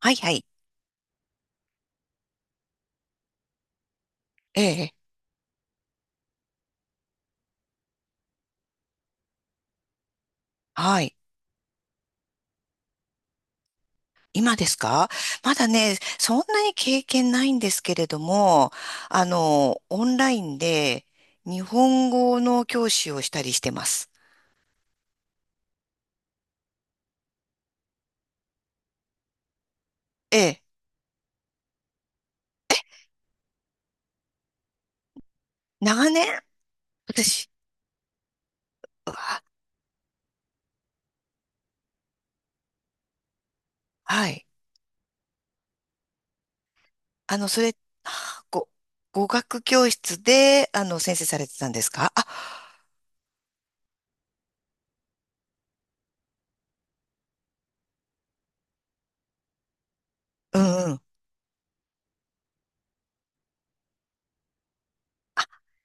はいはい。ええ、はい。今ですか？まだね、そんなに経験ないんですけれども、オンラインで日本語の教師をしたりしてます。ええ、長年。私、うわ。はい。あの、それ、はあご、語学教室で、先生されてたんですかあ？うんうん。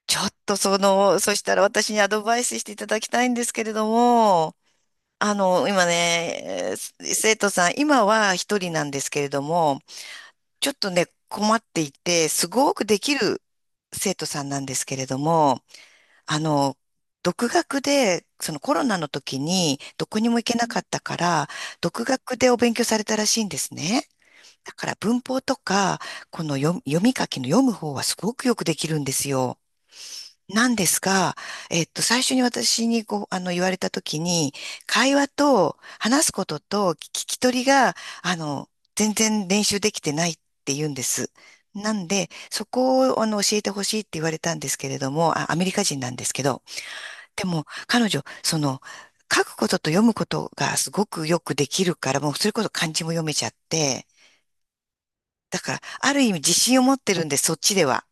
ちょっとその、そしたら私にアドバイスしていただきたいんですけれども、今ね、生徒さん、今は一人なんですけれども、ちょっとね、困っていて、すごくできる生徒さんなんですけれども、あの、独学で、そのコロナの時にどこにも行けなかったから、独学でお勉強されたらしいんですね。だから文法とか、この読み、読み書きの読む方はすごくよくできるんですよ。なんですが、最初に私にこう、言われたときに、会話と話すことと聞き取りが、あの、全然練習できてないって言うんです。なんで、そこを、教えてほしいって言われたんですけれども、あ、アメリカ人なんですけど、でも、彼女、その、書くことと読むことがすごくよくできるから、もうそれこそ漢字も読めちゃって、だから、ある意味自信を持ってるんで、そっちでは。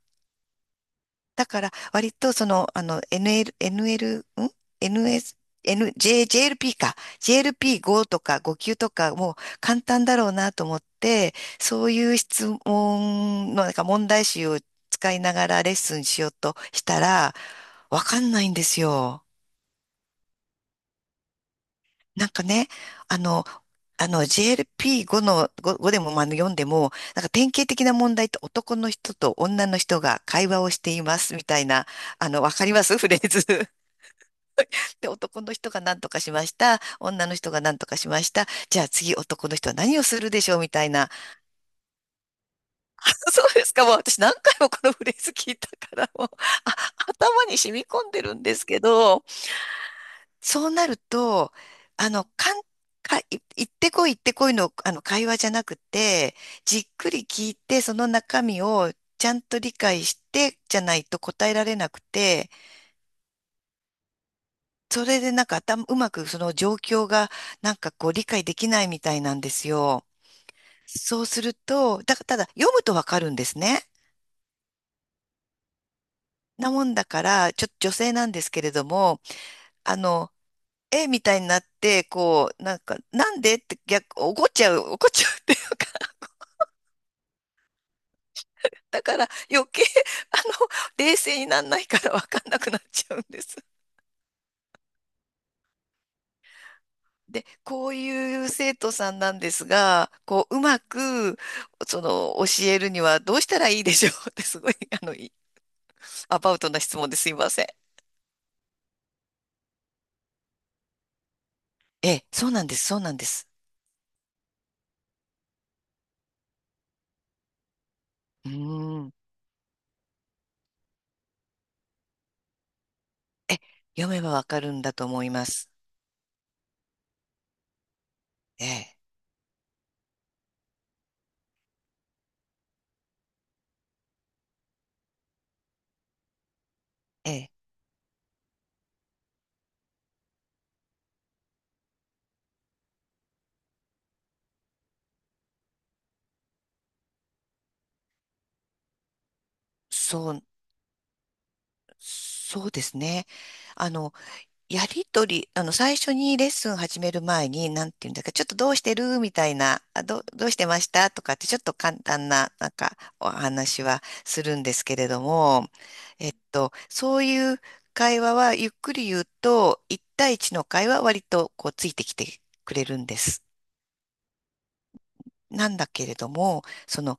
だから、割とその、NL、NL、ん ?NS、N、J、JLP か。JLP5 とか5級とかもう簡単だろうなと思って、そういう質問の、なんか問題集を使いながらレッスンしようとしたら、わかんないんですよ。なんかね、あの、あの、 JLP5 の、5でもまあ読んでも、なんか典型的な問題って男の人と女の人が会話をしていますみたいな、わかりますフレーズ。で、男の人が何とかしました。女の人が何とかしました。じゃあ次男の人は何をするでしょうみたいな。そうですか。もう私何回もこのフレーズ聞いたから、もう、あ、頭に染み込んでるんですけど、そうなると、あの、かん、か、い行ってこい行ってこいの、会話じゃなくて、じっくり聞いて、その中身をちゃんと理解して、じゃないと答えられなくて、それでなんか頭、うまくその状況がなんかこう理解できないみたいなんですよ。そうすると、ただ読むとわかるんですね。なもんだから、ちょっと女性なんですけれども、あの、えみたいになって、こう、なんか、なんでって逆、怒っちゃうっていうか、だから余計、あの、冷静になんないからわかんなくなっちゃうんです。で、こういう生徒さんなんですが、こう、うまく、その、教えるにはどうしたらいいでしょうって、すごい、あの、いアバウトな質問ですいません。ええ、そうなんです、そうなんです。うーん。え、読めばわかるんだと思います。ええ、ええ、そう、そうですね。あの、やりとり、最初にレッスン始める前に、なんていうんだっけ、ちょっとどうしてるみたいな、どうしてましたとかって、ちょっと簡単な、なんか、お話はするんですけれども、そういう会話は、ゆっくり言うと、一対一の会話は割と、こう、ついてきてくれるんです。なんだけれども、その、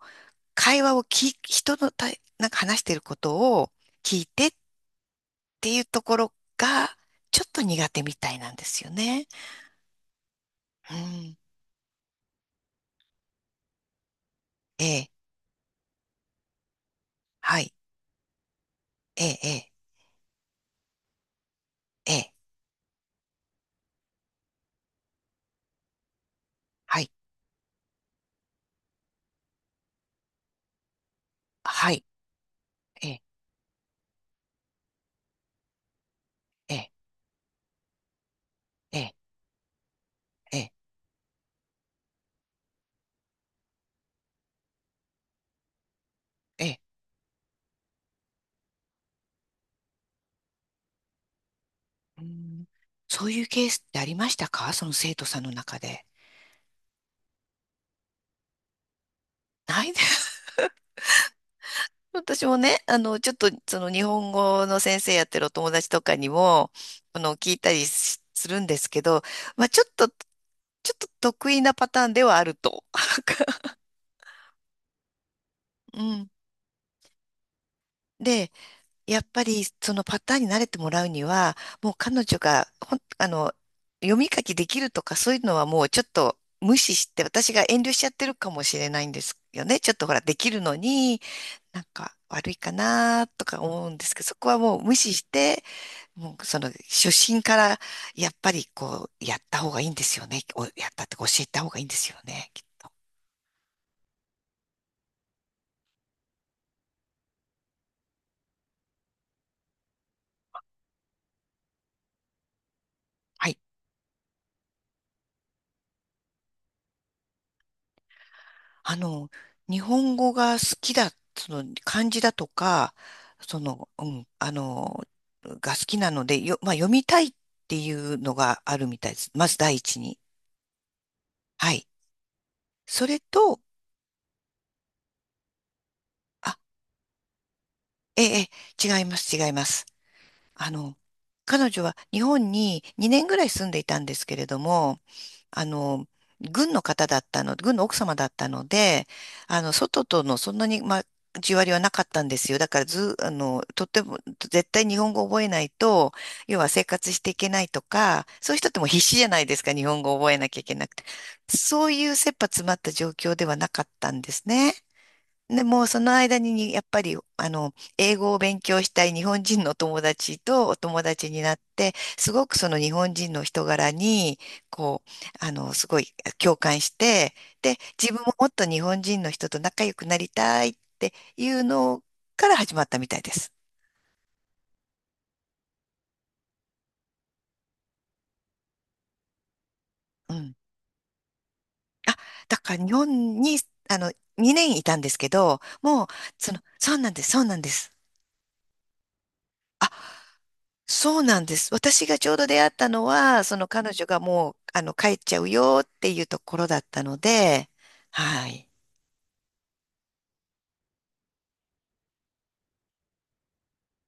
会話を聞い、人のたい、なんか話してることを聞いてっていうところが、ちょっと苦手みたいなんですよね。うん。ええ、はい、ええ、ええ、ええ、はい、はい、ええ、ええ、ええ、ええ、ええ、うーん。そういうケースってありましたか？その生徒さんの中で。ないです。私もね、ちょっとその日本語の先生やってるお友達とかにも、聞いたりしするんですけど、まあ、ちょっと得意なパターンではあると。うん。でやっぱりそのパターンに慣れてもらうには、もう彼女がほん、読み書きできるとかそういうのはもうちょっと無視して、私が遠慮しちゃってるかもしれないんですよね。ちょっとほら、できるのに、なんか悪いかなとか思うんですけど、そこはもう無視して、もうその初心からやっぱりこう、やった方がいいんですよね。おやったってか教えた方がいいんですよね。はい。あの、日本語が好きだ、その漢字だとか、その、うん、あの、が好きなので、まあ、読みたいっていうのがあるみたいです。まず第一に。はい。それと、あ、ええ、ええ、違います、違います。あの、彼女は日本に2年ぐらい住んでいたんですけれども、あの、軍の奥様だったので、外とのそんなに、まあ、交わりはなかったんですよ。だからず、とっても、絶対日本語を覚えないと、要は生活していけないとか、そういう人ってもう必死じゃないですか、日本語を覚えなきゃいけなくて。そういう切羽詰まった状況ではなかったんですね。でも、その間に、やっぱり、英語を勉強したい日本人のお友達とお友達になって、すごくその日本人の人柄に、こう、すごい共感して、で、自分ももっと日本人の人と仲良くなりたいっていうのから始まったみたいです。うん。あ、だから日本に、あの、2年いたんですけど、もう、その、そうなんです、そうなんです。あ、そうなんです。私がちょうど出会ったのは、その彼女がもう、帰っちゃうよっていうところだったので、はい。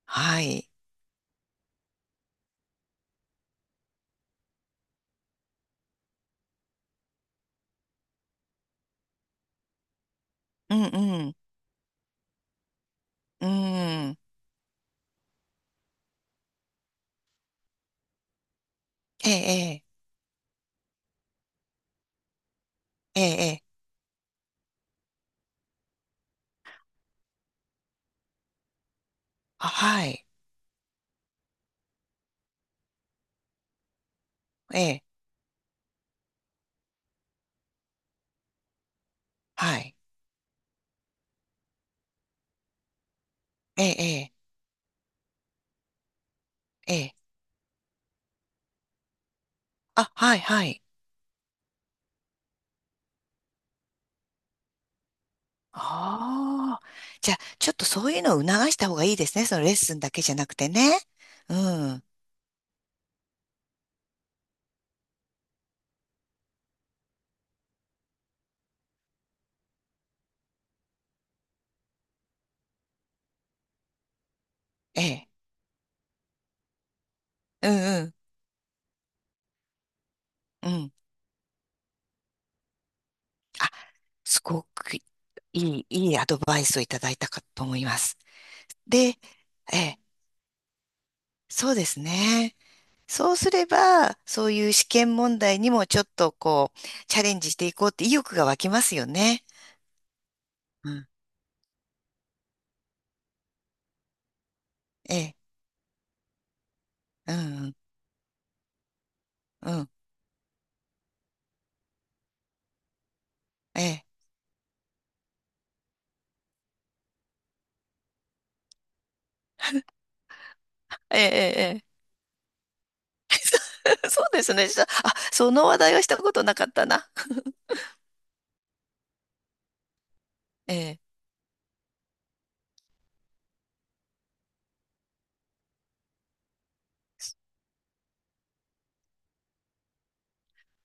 はい。うんうん。うん。ええ、ええ、ええ。あ、はい。ええ、はい。ええ、ええ。ええ、あ、はい、はい。ああ。じゃあ、ちょっとそういうのを促した方がいいですね。そのレッスンだけじゃなくてね。うん。ええ。うんうん。うん。あ、すごくいい、いいアドバイスをいただいたかと思います。で、ええ、そうですね。そうすれば、そういう試験問題にもちょっとこう、チャレンジしていこうって意欲が湧きますよね。うん。ええ、うん、うん、うん、ええ、ええ、ええ。そうですね。したあ、その話題はしたことなかったな。ええ、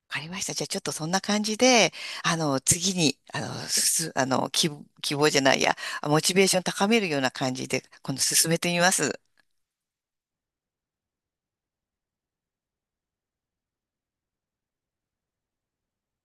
わかりました。じゃあちょっとそんな感じで、次に、あの、すす、希望、希望じゃないや、モチベーション高めるような感じで、今度進めてみます。